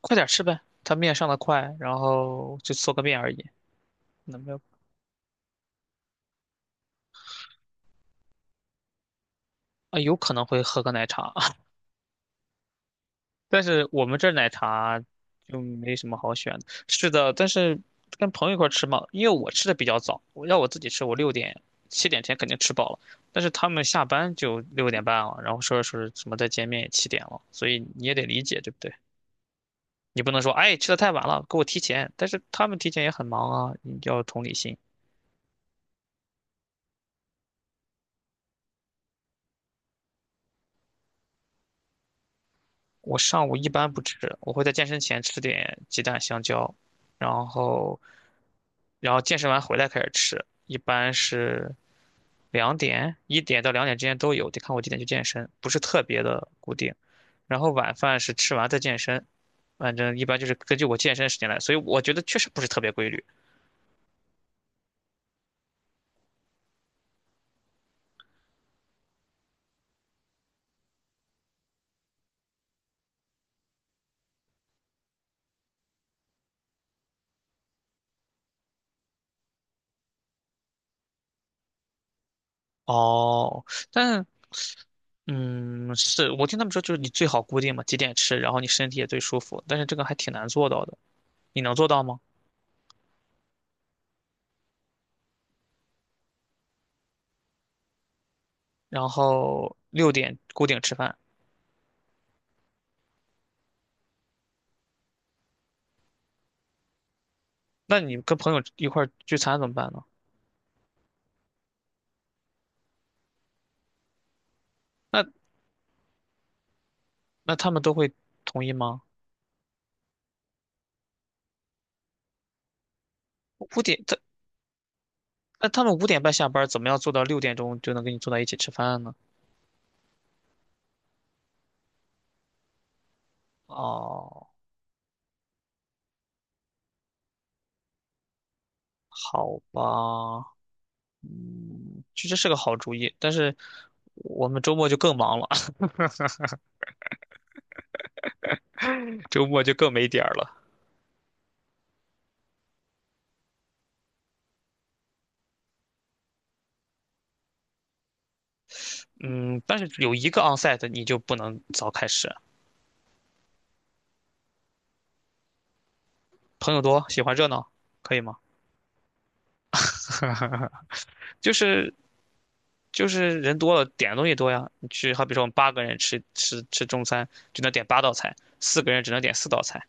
快点吃呗，他面上的快，然后就做个面而已，那没有啊，有可能会喝个奶茶，但是我们这儿奶茶就没什么好选的。是的，但是跟朋友一块儿吃嘛，因为我吃的比较早，我要我自己吃，我6点7点前肯定吃饱了，但是他们下班就6点半了，然后说着说着什么再见面也七点了，所以你也得理解，对不对？你不能说哎吃的太晚了，给我提前，但是他们提前也很忙啊，你要有同理心。我上午一般不吃，我会在健身前吃点鸡蛋、香蕉，然后，然后健身完回来开始吃，一般是2点、1点到2点之间都有，得看我几点去健身，不是特别的固定。然后晚饭是吃完再健身，反正一般就是根据我健身时间来，所以我觉得确实不是特别规律。哦，但嗯，是我听他们说，就是你最好固定嘛，几点吃，然后你身体也最舒服，但是这个还挺难做到的，你能做到吗？然后六点固定吃饭。那你跟朋友一块儿聚餐怎么办呢？那那他们都会同意吗？五点，那他们5点半下班，怎么样做到6点钟就能跟你坐在一起吃饭呢？哦，好吧，嗯，其实是个好主意，但是我们周末就更忙了，周末就更没点儿了。嗯，但是有一个 onsite 你就不能早开始，朋友多，喜欢热闹，可以吗？就是就是人多了，点的东西多呀。你去，好比说我们八个人吃中餐，只能点八道菜；四个人只能点四道菜。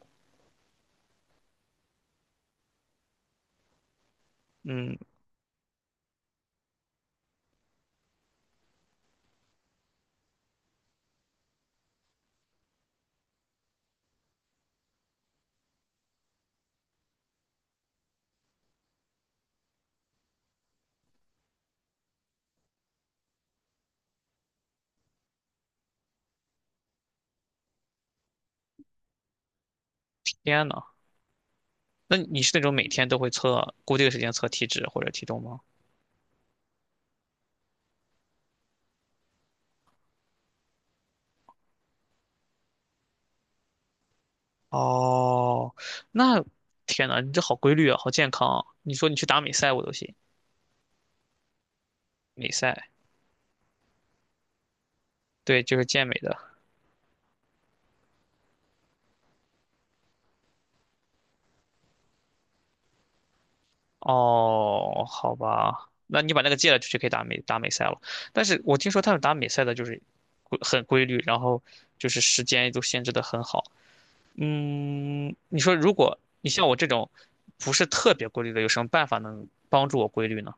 嗯，天呐，那你是那种每天都会测固定时间测体脂或者体重吗？哦，那天呐，你这好规律啊，好健康啊！你说你去打美赛我都行。美赛，对，就是健美的。哦，好吧，那你把那个戒了，就去可以打美赛了。但是我听说他们打美赛的就是很规律，然后就是时间都限制的很好。嗯，你说如果你像我这种不是特别规律的，有什么办法能帮助我规律呢？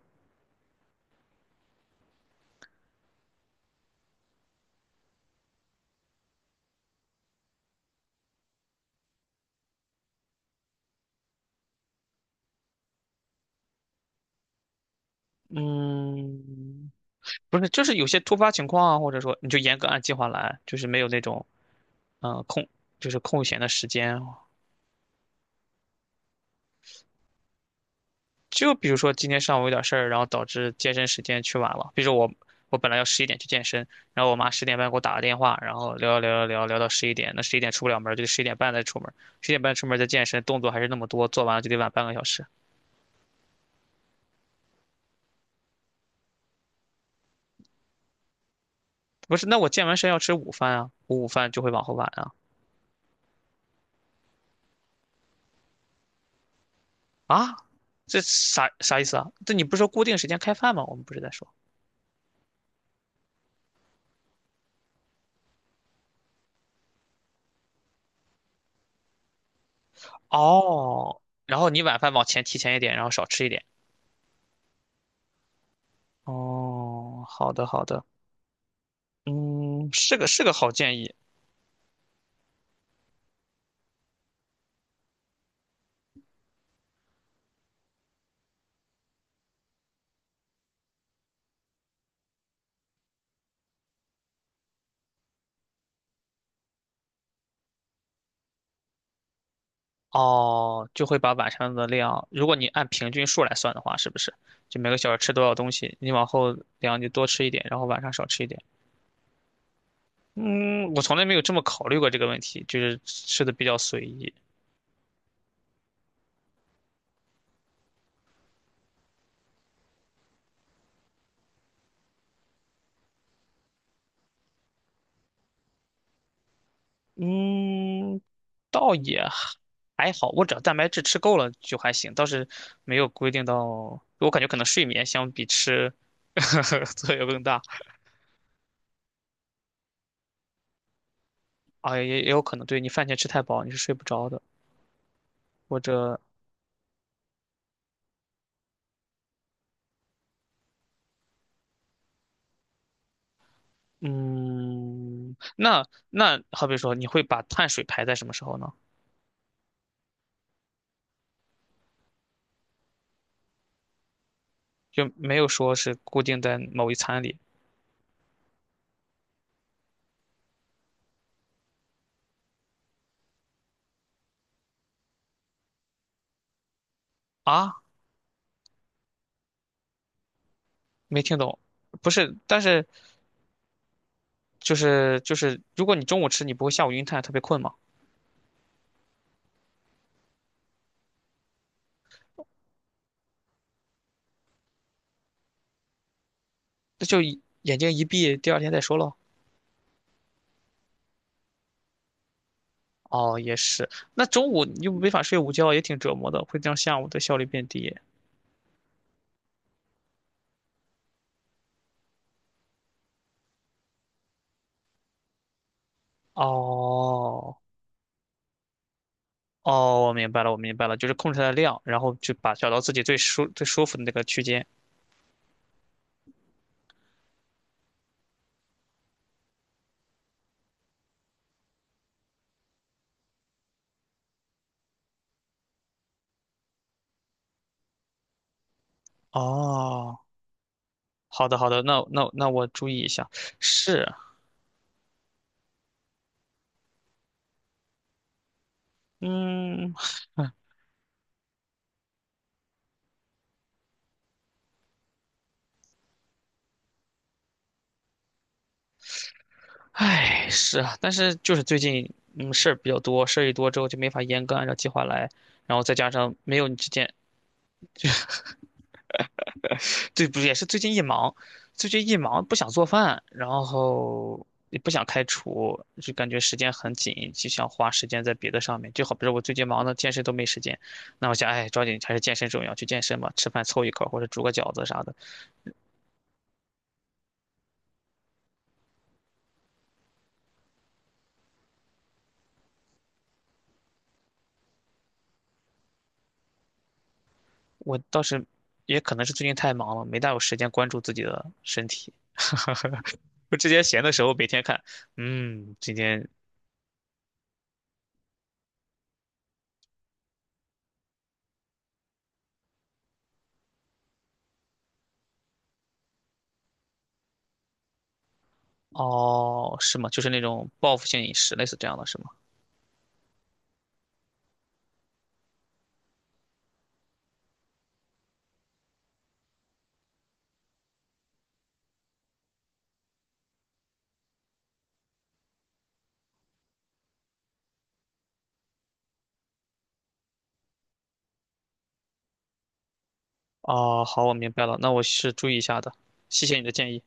嗯，不是，就是有些突发情况啊，或者说你就严格按计划来，就是没有那种嗯、呃空，就是空闲的时间。就比如说今天上午有点事儿，然后导致健身时间去晚了。比如说我本来要十一点去健身，然后我妈10点半给我打个电话，然后聊聊聊聊聊到十一点，那十一点出不了门儿就得十一点半再出门儿，十一点半出门儿再健身，动作还是那么多，做完了就得晚半个小时。不是，那我健完身要吃午饭啊，我午饭就会往后晚啊。啊，这啥意思啊？这你不是说固定时间开饭吗？我们不是在说。哦，然后你晚饭往前提前一点，然后少吃一点。哦，好的好的，嗯，是个好建议。哦，就会把晚上的量，如果你按平均数来算的话，是不是？就每个小时吃多少东西，你往后量就多吃一点，然后晚上少吃一点。嗯，我从来没有这么考虑过这个问题，就是吃的比较随意。嗯，倒也还好，我只要蛋白质吃够了就还行，倒是没有规定到。我感觉可能睡眠相比吃 作用更大啊，也有可能对你饭前吃太饱你是睡不着的，或者那好比说你会把碳水排在什么时候呢？就没有说是固定在某一餐里啊？没听懂，不是，但是就是，如果你中午吃，你不会下午晕碳，特别困吗？那就一眼睛一闭，第二天再说喽。哦，也是。那中午你又没法睡午觉，也挺折磨的，会让下午的效率变低。哦，哦，我明白了，我明白了，就是控制它的量，然后就把找到自己最舒服的那个区间。哦，好的好的，那我注意一下。是，嗯，唉，是啊，但是就是最近事儿比较多，事儿一多之后就没法严格按照计划来，然后再加上没有你之前。对，不是也是最近一忙，最近一忙不想做饭，然后也不想开厨，就感觉时间很紧，就想花时间在别的上面。就好比如我最近忙的健身都没时间，那我想，哎，抓紧还是健身重要，去健身吧，吃饭凑一口或者煮个饺子啥的。我倒是也可能是最近太忙了，没大有时间关注自己的身体。我之前闲的时候每天看，嗯，今天哦，是吗？就是那种报复性饮食，类似这样的是吗？哦，好，我明白了，那我是注意一下的，谢谢你的建议。